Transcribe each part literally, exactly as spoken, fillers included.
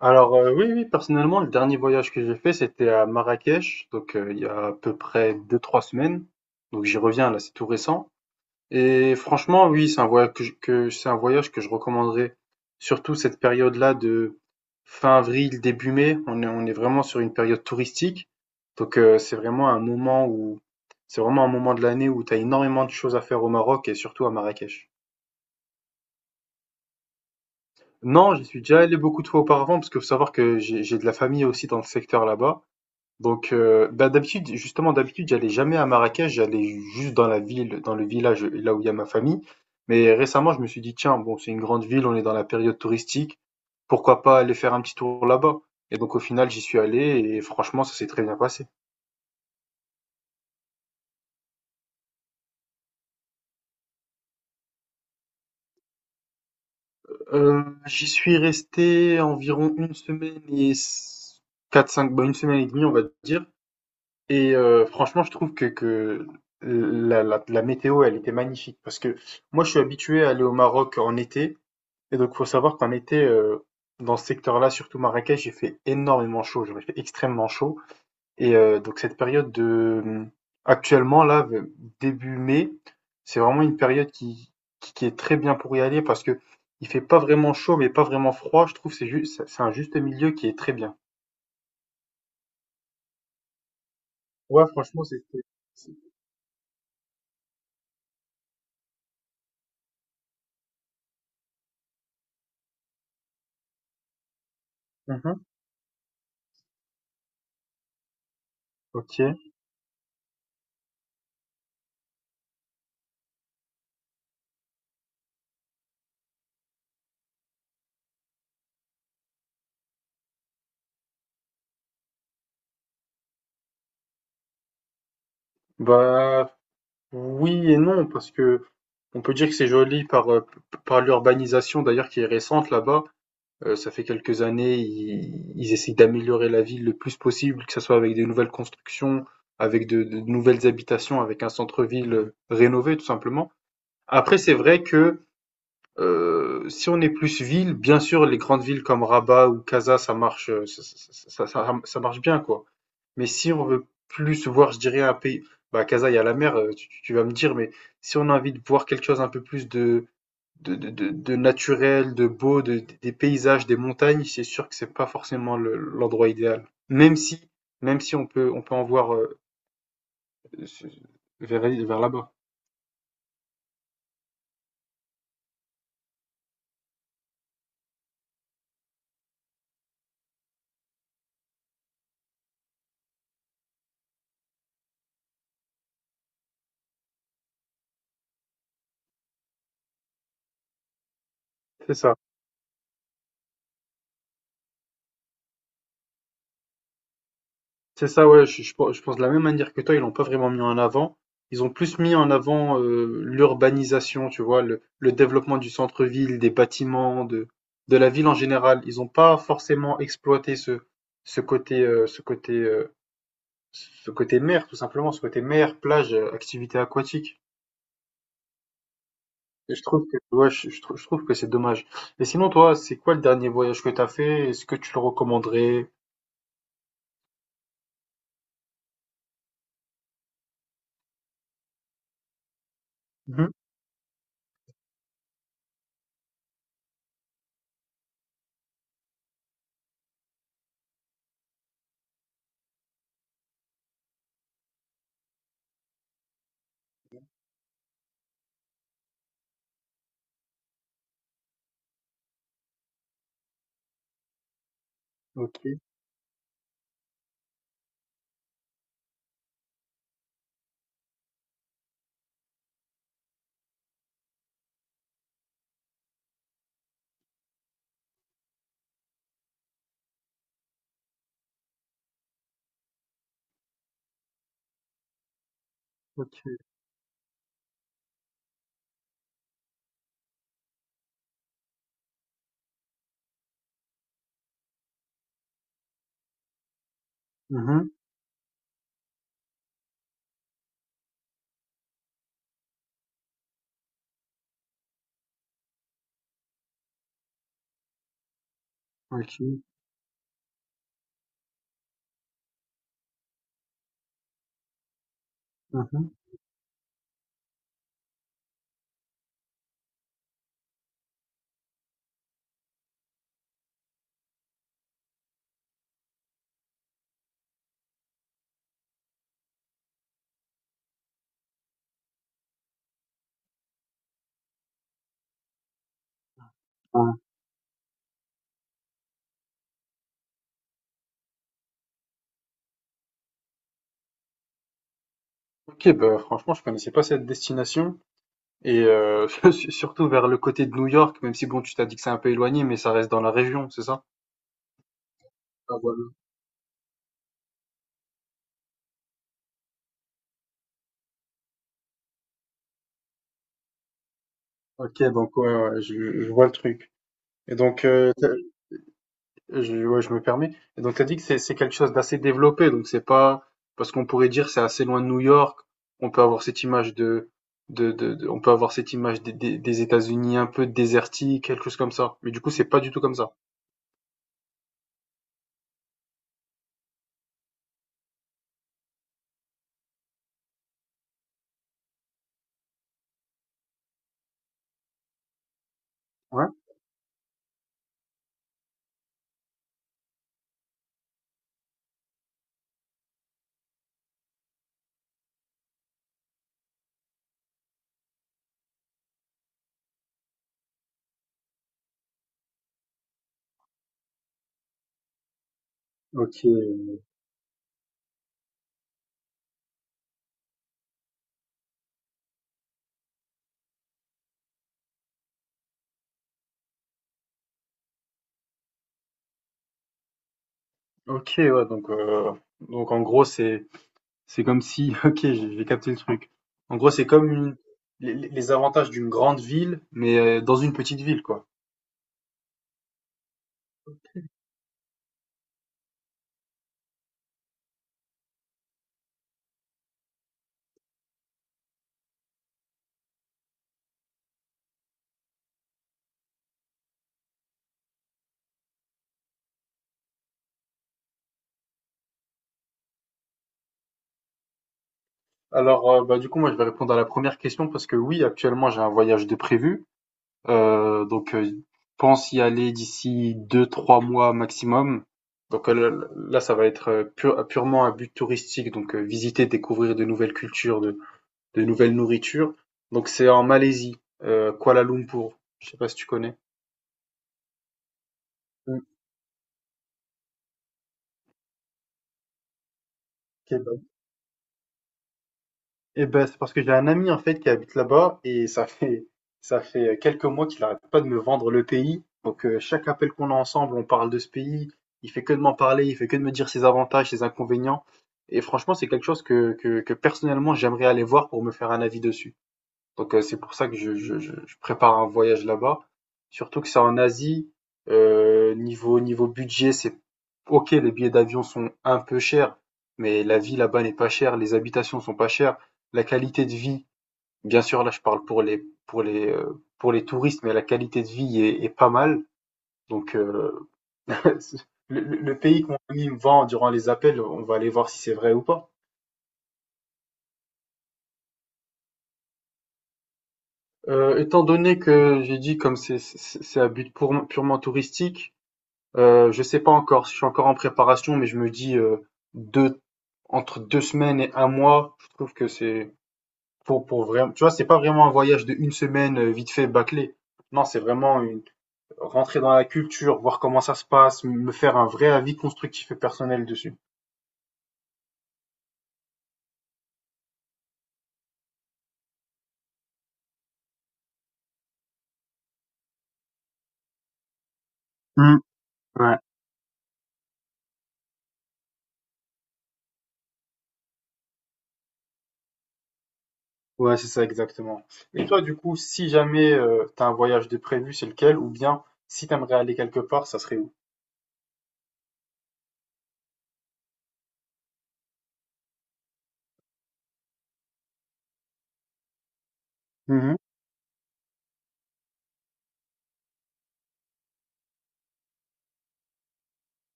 Alors, heu, oui, oui, personnellement, le dernier voyage que j'ai fait, c'était à Marrakech, donc heu, il y a à peu près deux-trois semaines. Donc j'y reviens là, c'est tout récent et franchement, oui, c'est un voyage que je que c'est un voyage que je recommanderais, surtout cette période-là de fin avril, début mai. On est on est vraiment sur une période touristique, donc heu, c'est vraiment un moment où c'est vraiment un moment de l'année où tu as énormément de choses à faire au Maroc et surtout à Marrakech. Non, j'y suis déjà allé beaucoup de fois auparavant parce que faut savoir que j'ai j'ai de la famille aussi dans le secteur là-bas. Donc, heu, bah, d'habitude, justement, d'habitude, j'allais jamais à Marrakech, j'allais juste dans la ville, dans le village, euh, là où il y a ma famille. Mais récemment, je me suis dit: «Tiens, bon, c'est une grande ville, on est dans la période touristique, pourquoi pas aller faire un petit tour là-bas?» Et donc au final, j'y suis allé et franchement, ça s'est très bien passé. Heu, j'y suis resté environ une semaine et s quatre cinq, bah, une semaine et demie on va dire, et heu, franchement, je trouve que que la la la météo, elle était magnifique parce que moi, je suis habitué à aller au Maroc en été. Et donc, faut savoir qu'en été, heu, dans ce secteur-là, surtout Marrakech, il fait énormément chaud. Genre, il fait extrêmement chaud. Et heu, donc cette période de, mmh, actuellement là, v début mai, c'est vraiment une période qui qui qui est très bien pour y aller parce que il fait pas vraiment chaud, mais pas vraiment froid. Je trouve que c'est juste c'est un juste milieu qui est très bien. Ouais, franchement, c'était c'est mmh OK. Bah, oui et non parce que on peut dire que c'est joli par, heu, p par l'urbanisation d'ailleurs qui est récente là-bas. Euh, ça fait quelques années, ils, ils essayent d'améliorer la ville le plus possible, que ce soit avec des nouvelles constructions, avec de, de nouvelles habitations, avec un centre-ville euh, rénové, tout simplement. Après, c'est vrai que euh, si on est plus ville, bien sûr, les grandes villes comme Rabat ou Casa, ça marche, euh, ça, ça- ça- ça- ça marche bien, quoi. Mais si on veut plus voir, je dirais, un pays, bah, Casa, il y a la mer, euh, tu, tu vas me dire, mais si on a envie de voir quelque chose un peu plus de, de, de, de, de naturel, de beau, de- des paysages, des montagnes, c'est sûr que c'est pas forcément le- l'endroit idéal. Même si, même si on peut, on peut en voir euh, vers, vers là-bas. C'est ça. C'est ça, ouais. Je, je pense je pense de la même manière que toi, ils l'ont pas vraiment mis en avant. Ils ont plus mis en avant euh, l'urbanisation, tu vois, le, le développement du centre-ville, des bâtiments, de, de la ville en général. Ils ont pas forcément exploité ce, ce côté, euh, ce côté euh, Ce côté mer, tout simplement, ce côté mer, plage, euh, activité aquatique. Et je trouve que, ouais, je, je trou- je trouve que c'est dommage. Et sinon, toi, c'est quoi le dernier voyage que t'as fait? Est-ce que tu le recommanderais? Mhm. Ok, ok. Mhm. Ok. Mhm. Ah. Ok, bah, franchement, je connaissais pas cette destination. Et euh, su- surtout vers le côté de New York, même si bon, tu t'as dit que c'est un peu éloigné, mais ça reste dans la région, c'est ça? Ah, voilà. Ok, donc ouais, ouais, je, je vois le truc. Et donc, euh, Je, ouais, je me permets. Et donc, tu as dit que c'est c'est quelque chose d'assez développé. Donc, c'est pas parce qu'on pourrait dire c'est assez loin de New York. On peut avoir cette image de, de, de, de- on peut avoir cette image des, des, des États-Unis un peu désertiques, quelque chose comme ça. Mais du coup, c'est pas du tout comme ça. Ouais. Ok. Ok. Ouais. Donc, euh, donc en gros, c'est c'est comme si. Ok, j'ai j'ai capté le truc. En gros, c'est comme une- les, les les avantages d'une grande ville, mais euh, dans une petite ville, quoi. Alors, euh, bah, du coup, moi, je vais répondre à la première question parce que oui, actuellement, j'ai un voyage de prévu. Euh, donc, euh, pense y aller d'ici deux, trois mois maximum. Donc euh, là, ça va être euh, pure- purement un but touristique, donc euh, visiter, découvrir de nouvelles cultures, de, de nouvelles nourritures. Donc c'est en Malaisie, euh, Kuala Lumpur. Je sais pas si tu connais. Ok, bah, Eh ben, c'est parce que j'ai un ami en fait qui habite là-bas et ça fait ça fait quelques mois qu'il arrête pas de me vendre le pays. Donc euh, chaque appel qu'on a ensemble, on parle de ce pays. Il fait que de m'en parler, il fait que de me dire ses avantages, ses inconvénients. Et franchement, c'est quelque chose que, que, que personnellement j'aimerais aller voir pour me faire un avis dessus. Donc, heu, c'est pour ça que je je je je prépare un voyage là-bas. Surtout que c'est en Asie, heu, niveau niveau budget, c'est OK, les billets d'avion sont un peu chers, mais la vie là-bas n'est pas chère, les habitations sont pas chères, la qualité de vie, bien sûr, là, je parle pour les pour les, heu, pour les touristes, mais la qualité de vie est est pas mal. Donc, heu, le le le pays que mon ami me vend durant les appels, on va aller voir si c'est vrai ou pas. Heu, étant donné que j'ai dit comme c'est c'est c'est à but pourment purement touristique. Euh, je sais pas encore, je suis encore en préparation, mais je me dis euh, deux, entre deux semaines et un mois, je trouve que c'est pour, pour, vraiment. Tu vois, c'est pas vraiment un voyage de une semaine euh, vite fait bâclé. Non, c'est vraiment une rentrer dans la culture, voir comment ça se passe, me faire un vrai avis constructif et personnel dessus. Hmm. Ouais, ouais, c'est ça exactement. Et toi, du coup, si jamais euh, t'as un voyage de prévu, c'est lequel? Ou bien si t'aimerais aller quelque part, ça serait où?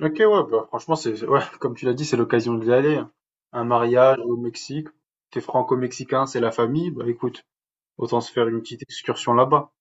Ok, ouais, bah, franchement, c'est, ouais, comme tu l'as dit, c'est l'occasion d'y aller. Un mariage au Mexique, t'es franco-mexicain, c'est la famille, bah écoute, autant se faire une petite excursion là-bas.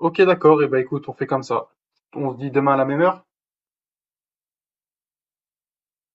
Ok, d'accord, et bah écoute, on fait comme ça. On se dit demain à la même heure?